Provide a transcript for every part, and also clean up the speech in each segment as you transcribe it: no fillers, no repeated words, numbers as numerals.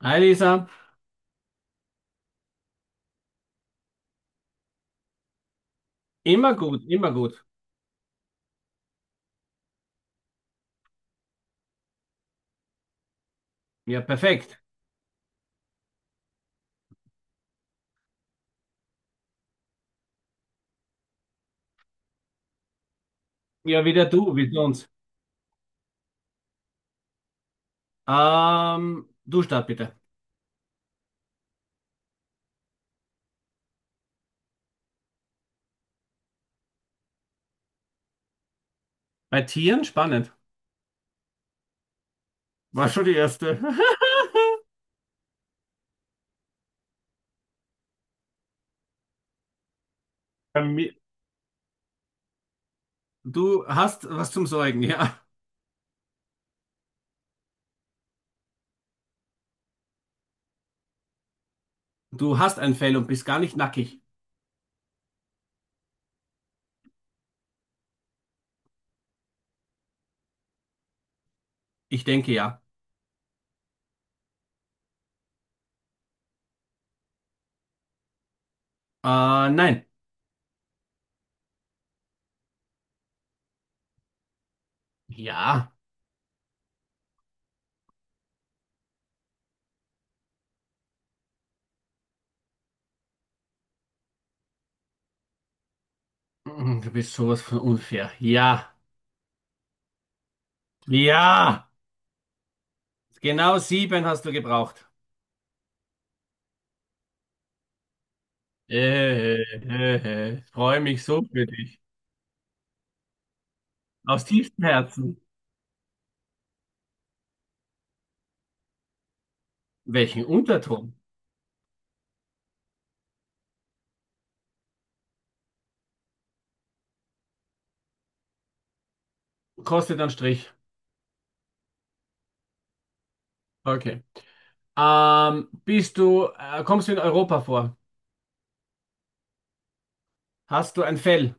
Hi Lisa, immer gut, immer gut. Ja, perfekt. Ja, wieder du, wie sonst. Du start bitte. Bei Tieren spannend. War schon die erste. Bei mir- Du hast was zum Sorgen, ja. Du hast ein Fell und bist gar nicht nackig. Ich denke ja. Nein. Ja. Du bist sowas von unfair. Ja. Ja. Genau sieben hast du gebraucht. Freue mich so für dich. Aus tiefstem Herzen. Welchen Unterton? Kostet einen Strich. Okay. Bist du, kommst du in Europa vor? Hast du ein Fell?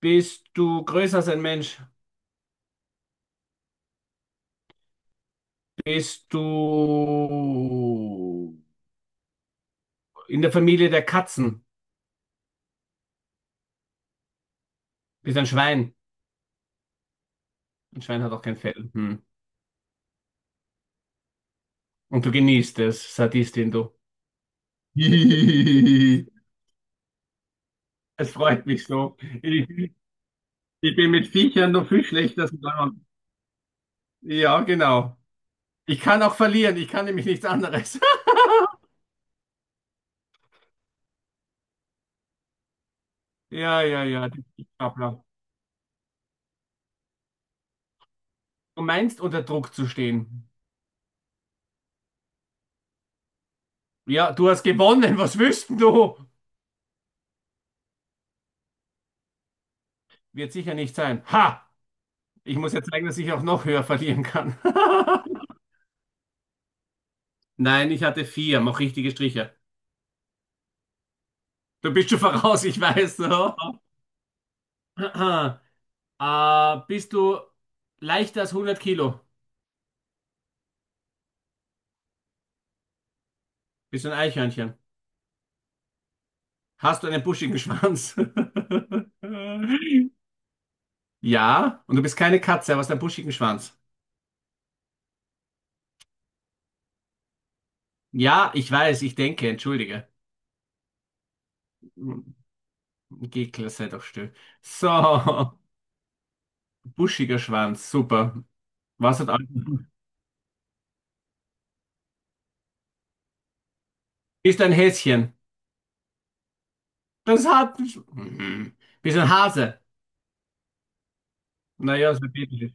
Bist du größer als ein Mensch? Bist du in der Familie der Katzen? Bist ein Schwein? Ein Schwein hat auch kein Fell. Hm. Und du genießt es, Sadistin, du. Es freut mich so. Ich, ich bin mit Viechern noch viel schlechter dran. Ja, genau. Ich kann auch verlieren. Ich kann nämlich nichts anderes. Ja, ja, ja. Du meinst, unter Druck zu stehen. Ja, du hast gewonnen. Was willst denn du? Wird sicher nicht sein. Ha! Ich muss ja zeigen, dass ich auch noch höher verlieren kann. Nein, ich hatte vier. Mach richtige Striche. Du bist schon voraus, ich weiß. Ne? Äh, bist du leichter als 100 Kilo? Bist du ein Eichhörnchen? Hast du einen buschigen Schwanz? Ja, und du bist keine Katze, aber hast einen buschigen Schwanz. Ja, ich weiß, ich denke, entschuldige. Gekler, sei doch still. So, buschiger Schwanz, super. Was hat Alten? Bist ein Häschen. Das hat. Mhm. Bist ein Hase. Naja, das ist ein Baby.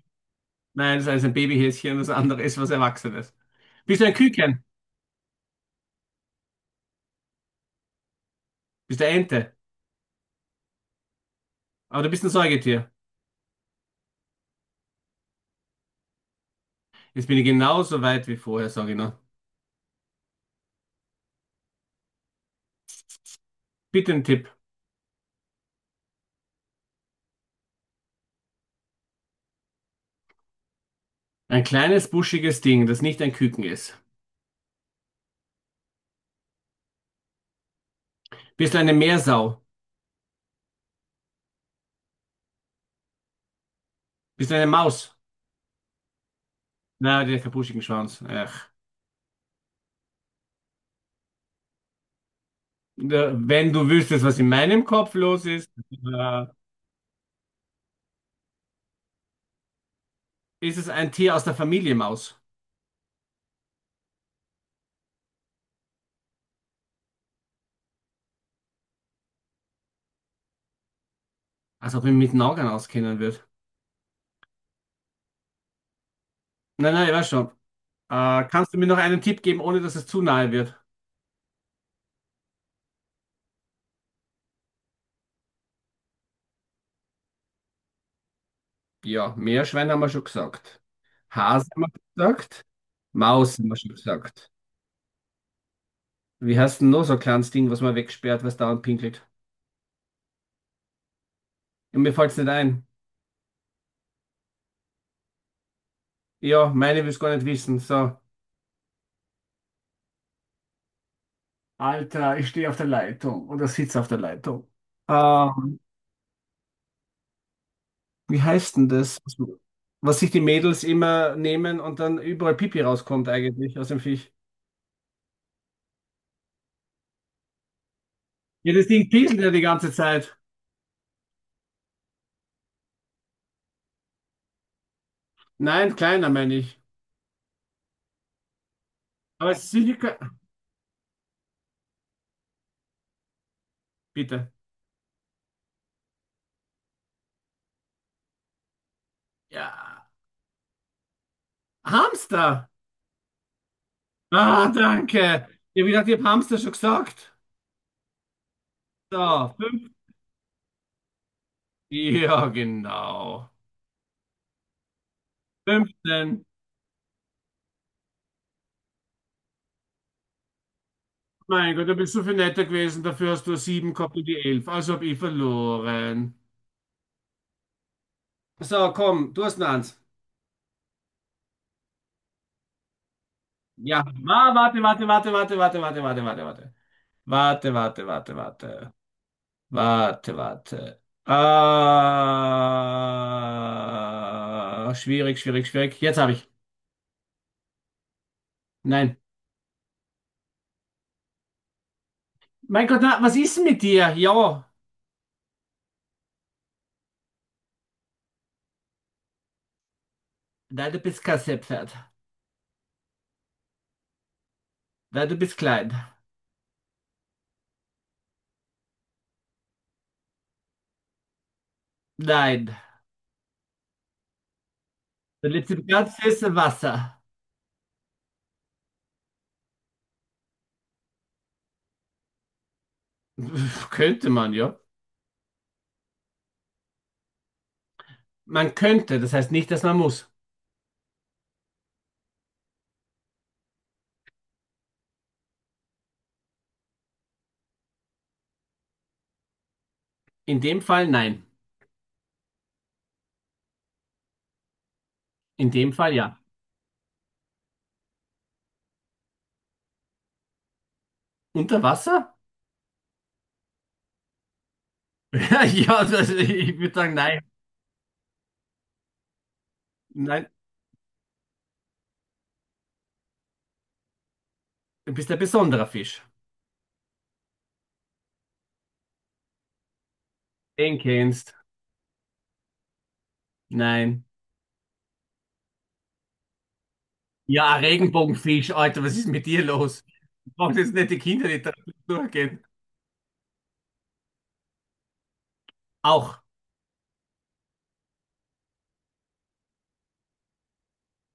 Nein, das ist ein Babyhäschen, das andere ist was Erwachsenes. Bist du ein Küken? Bist du eine Ente? Aber du bist ein Säugetier. Jetzt bin ich genauso weit wie vorher, sage ich noch. Bitte einen Tipp. Ein kleines, buschiges Ding, das nicht ein Küken ist. Bist du eine Meersau? Bist du eine Maus? Na, die hat keinen buschigen Schwanz. Ach. Ja, wenn du wüsstest, was in meinem Kopf los ist, ist es ein Tier aus der Familie Maus. Als ob ich mich mit Nagern auskennen würde. Nein, nein, ich weiß schon. Kannst du mir noch einen Tipp geben, ohne dass es zu nahe wird? Ja, Meerschwein haben wir schon gesagt. Hase haben wir schon gesagt. Maus haben wir schon gesagt. Wie heißt denn noch so ein kleines Ding, was man wegsperrt, was dauernd pinkelt? Ja, mir fällt's nicht ein. Ja, meine will's gar nicht wissen. So. Alter, ich stehe auf der Leitung oder sitze auf der Leitung. Ähm, Wie heißt denn das, was sich die Mädels immer nehmen und dann überall Pipi rauskommt eigentlich aus dem Viech? Ja, das Ding pieselt ja die ganze Zeit. Nein, kleiner meine ich. Aber es ist sicher. Bitte. Ja, Hamster. Ah, danke. Ich habe gedacht, ich habe Hamster schon gesagt. So, fünf. Ja, genau. 15. Mein Gott, du bist so viel netter gewesen. Dafür hast du sieben, 7 gehabt und die 11. Also habe ich verloren. So, komm, du hast noch eins. Ja, ma, warte, warte, warte, warte, warte, warte, warte, warte, warte. Warte, warte, warte, warte. Warte, warte. Ah, schwierig, schwierig, schwierig. Jetzt habe ich. Nein. Mein Gott, na, was ist denn mit dir? Ja. Nein, du bist kein Seepferd. Nein, du bist klein. Nein. Du lebst im ganz süßen Wasser. Könnte man, ja. Man könnte, das heißt nicht, dass man muss. In dem Fall nein. In dem Fall ja. Unter Wasser? Ja, das, ich würde sagen, nein. Nein, du bist ein besonderer Fisch. Den kennst. Nein. Ja, Regenbogenfisch, Alter, was ist mit dir los? Ich brauche jetzt nicht die Kinder, die Kinderliteratur durchgehen. Auch.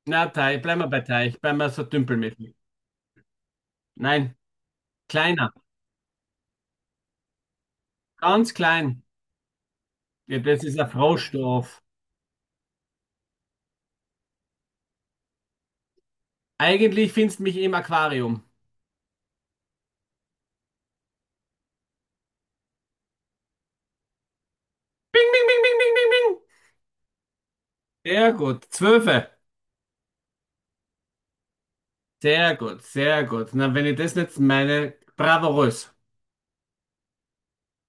Na, Teich, bleiben wir bei Teich, bleiben wir so dümpelmäßig. Nein, kleiner, ganz klein. Ja, das ist ein Froschdorf. Eigentlich findest du mich im Aquarium. Bing, bing, bing, bing, bing, bing, bing. Sehr gut, 12. Sehr gut, sehr gut. Na, wenn ich das jetzt meine, bravourös.